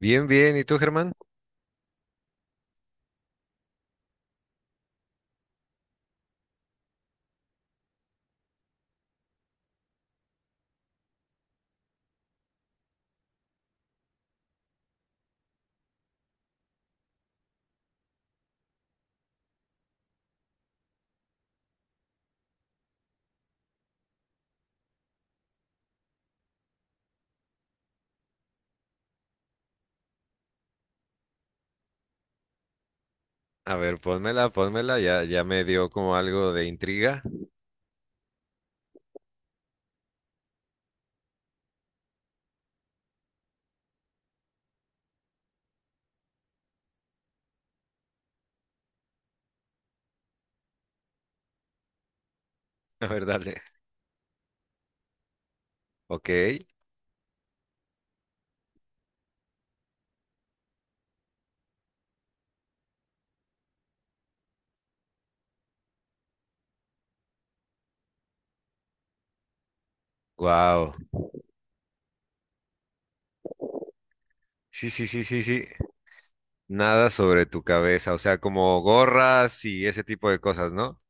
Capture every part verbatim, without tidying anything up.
Bien, bien. ¿Y tú, Germán? A ver, pónmela, pónmela. Ya, ya me dio como algo de intriga. A ver, dale. Ok. Wow. Sí, sí, sí, sí, sí. Nada sobre tu cabeza. O sea, como gorras y ese tipo de cosas, ¿no?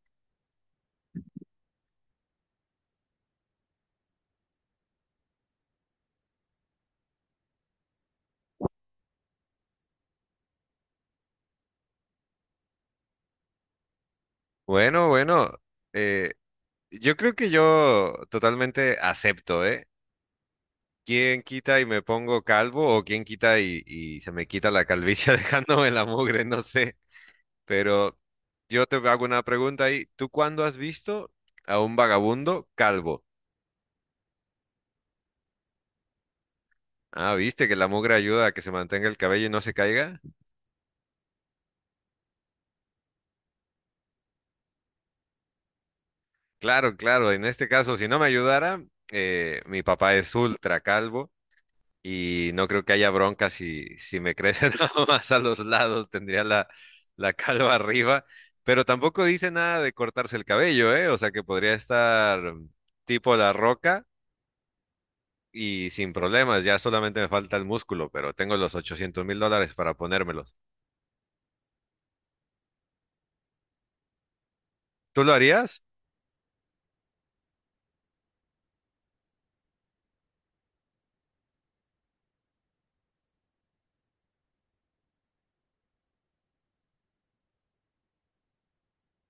Bueno, bueno. eh, yo creo que yo totalmente acepto, ¿eh? ¿Quién quita y me pongo calvo o quién quita y, y se me quita la calvicie dejándome la mugre? No sé. Pero yo te hago una pregunta ahí. ¿Tú cuándo has visto a un vagabundo calvo? Ah, ¿viste que la mugre ayuda a que se mantenga el cabello y no se caiga? Claro, claro. En este caso, si no me ayudara, eh, mi papá es ultra calvo y no creo que haya bronca si, si me crece nada más a los lados. Tendría la, la calva arriba. Pero tampoco dice nada de cortarse el cabello, ¿eh? O sea que podría estar tipo la roca y sin problemas, ya solamente me falta el músculo, pero tengo los ochocientos mil dólares para ponérmelos. ¿Tú lo harías?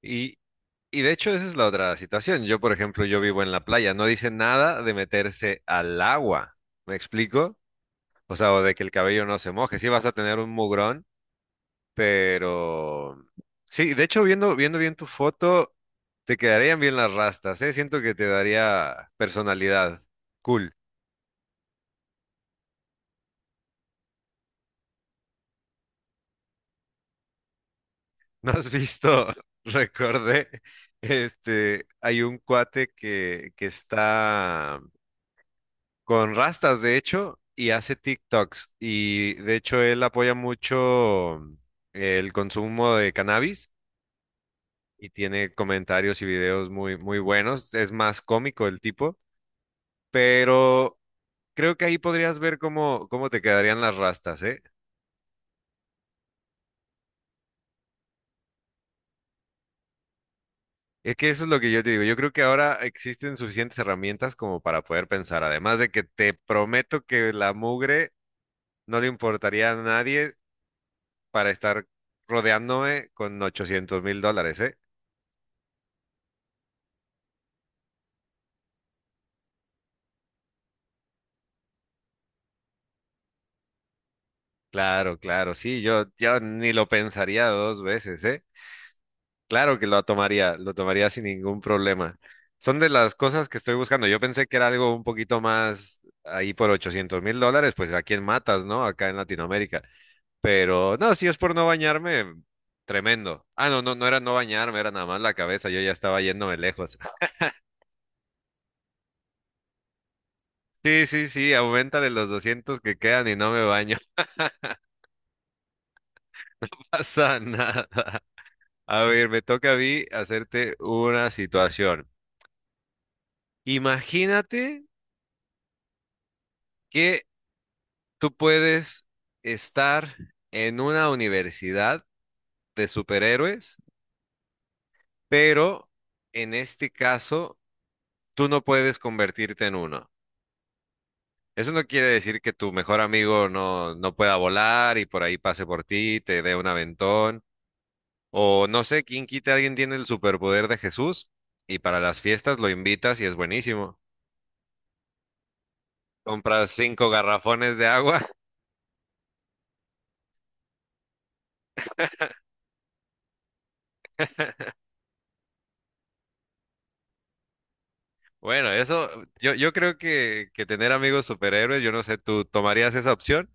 Y, y de hecho esa es la otra situación. Yo, por ejemplo, yo vivo en la playa, no dice nada de meterse al agua, ¿me explico? O sea, o de que el cabello no se moje, sí vas a tener un mugrón, pero... Sí, de hecho, viendo, viendo bien tu foto, te quedarían bien las rastas, ¿eh? Siento que te daría personalidad. Cool. ¿No has visto? Recordé, este, hay un cuate que, que está con rastas, de hecho, y hace TikToks. Y de hecho, él apoya mucho el consumo de cannabis y tiene comentarios y videos muy, muy buenos. Es más cómico el tipo, pero creo que ahí podrías ver cómo, cómo te quedarían las rastas, ¿eh? Es que eso es lo que yo te digo. Yo creo que ahora existen suficientes herramientas como para poder pensar. Además de que te prometo que la mugre no le importaría a nadie para estar rodeándome con ochocientos mil dólares, ¿eh? Claro, claro, sí, yo, yo ni lo pensaría dos veces, ¿eh? Claro que lo tomaría, lo tomaría sin ningún problema. Son de las cosas que estoy buscando. Yo pensé que era algo un poquito más ahí por ochocientos mil dólares, pues a quién matas, ¿no? Acá en Latinoamérica. Pero no, si es por no bañarme, tremendo. Ah, no, no, no era no bañarme, era nada más la cabeza, yo ya estaba yéndome lejos. Sí, sí, sí, aumenta de los doscientos que quedan y no me baño, no pasa nada. A ver, me toca a mí hacerte una situación. Imagínate que tú puedes estar en una universidad de superhéroes, pero en este caso tú no puedes convertirte en uno. Eso no quiere decir que tu mejor amigo no, no pueda volar y por ahí pase por ti, te dé un aventón. O no sé, quién quita, alguien tiene el superpoder de Jesús y para las fiestas lo invitas y es buenísimo. Compras cinco garrafones de agua. Bueno, eso, yo, yo creo que, que tener amigos superhéroes, yo no sé, ¿tú tomarías esa opción?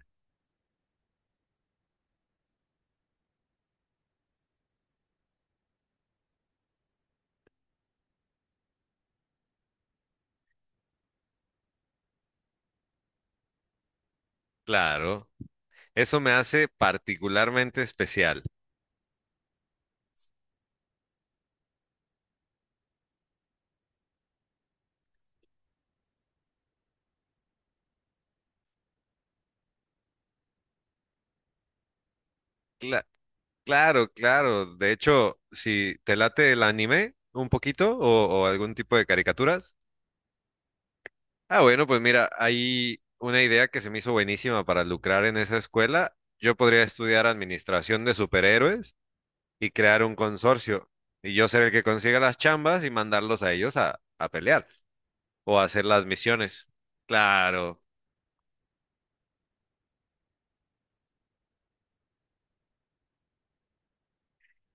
Claro, eso me hace particularmente especial. Cla- claro, claro. De hecho, si te late el anime un poquito o o algún tipo de caricaturas. Ah, bueno, pues mira, hay una idea que se me hizo buenísima para lucrar en esa escuela. Yo podría estudiar administración de superhéroes y crear un consorcio. Y yo ser el que consiga las chambas y mandarlos a ellos a, a pelear o a hacer las misiones. Claro.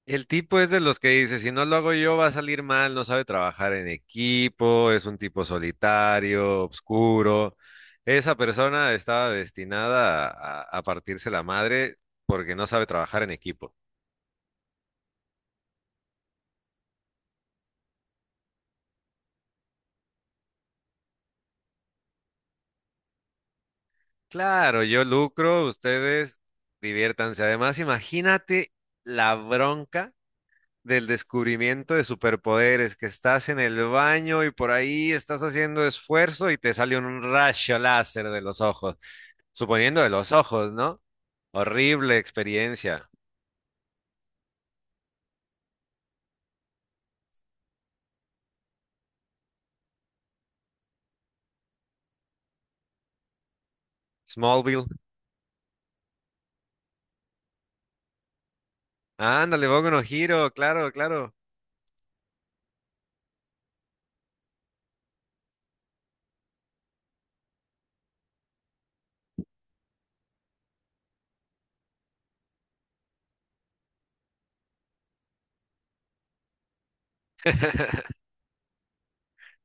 El tipo es de los que dice, si no lo hago yo va a salir mal, no sabe trabajar en equipo, es un tipo solitario, oscuro. Esa persona estaba destinada a a- a partirse la madre porque no sabe trabajar en equipo. Claro, yo lucro, ustedes diviértanse. Además, imagínate la bronca del descubrimiento de superpoderes, que estás en el baño y por ahí estás haciendo esfuerzo y te sale un rayo láser de los ojos, suponiendo de los ojos, ¿no? Horrible experiencia. Smallville. Ándale, Boku no Hero, claro, claro.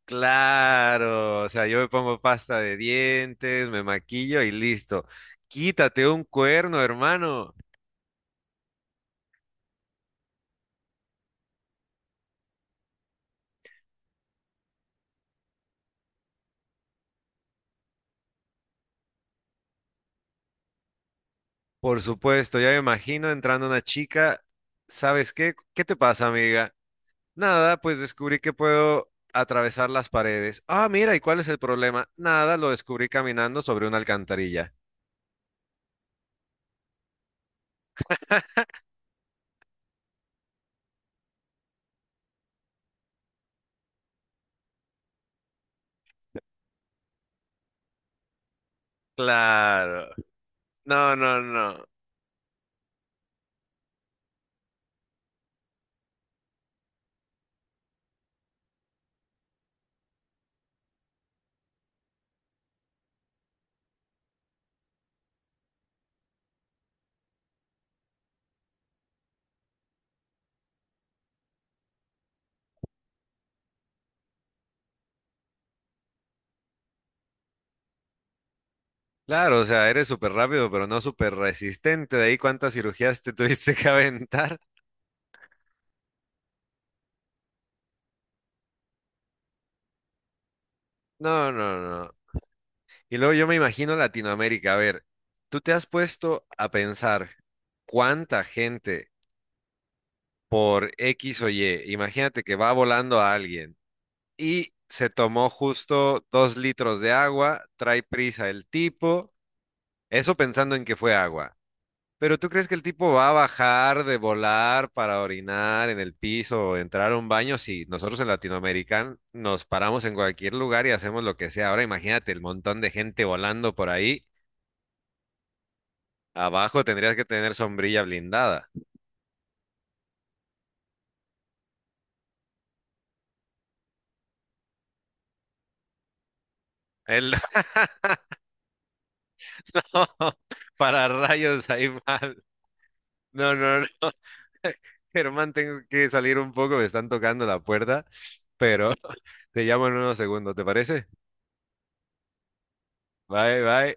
Claro, o sea, yo me pongo pasta de dientes, me maquillo y listo. Quítate un cuerno, hermano. Por supuesto, ya me imagino entrando una chica. ¿Sabes qué? ¿Qué te pasa, amiga? Nada, pues descubrí que puedo atravesar las paredes. Ah, mira, ¿y cuál es el problema? Nada, lo descubrí caminando sobre una alcantarilla. Claro. No, no, no. Claro, o sea, eres súper rápido, pero no súper resistente. De ahí cuántas cirugías te tuviste que aventar. No, no, no. Y luego yo me imagino Latinoamérica. A ver, tú te has puesto a pensar cuánta gente por X o Y. Imagínate que va volando a alguien y se tomó justo dos litros de agua, trae prisa el tipo, eso pensando en que fue agua. Pero ¿tú crees que el tipo va a bajar de volar para orinar en el piso o entrar a un baño? Si nosotros en Latinoamérica nos paramos en cualquier lugar y hacemos lo que sea. Ahora imagínate el montón de gente volando por ahí. Abajo tendrías que tener sombrilla blindada. El no, para rayos ahí mal. No, no, no. Germán, tengo que salir un poco, me están tocando la puerta, pero te llamo en unos segundos, ¿te parece? Bye, bye.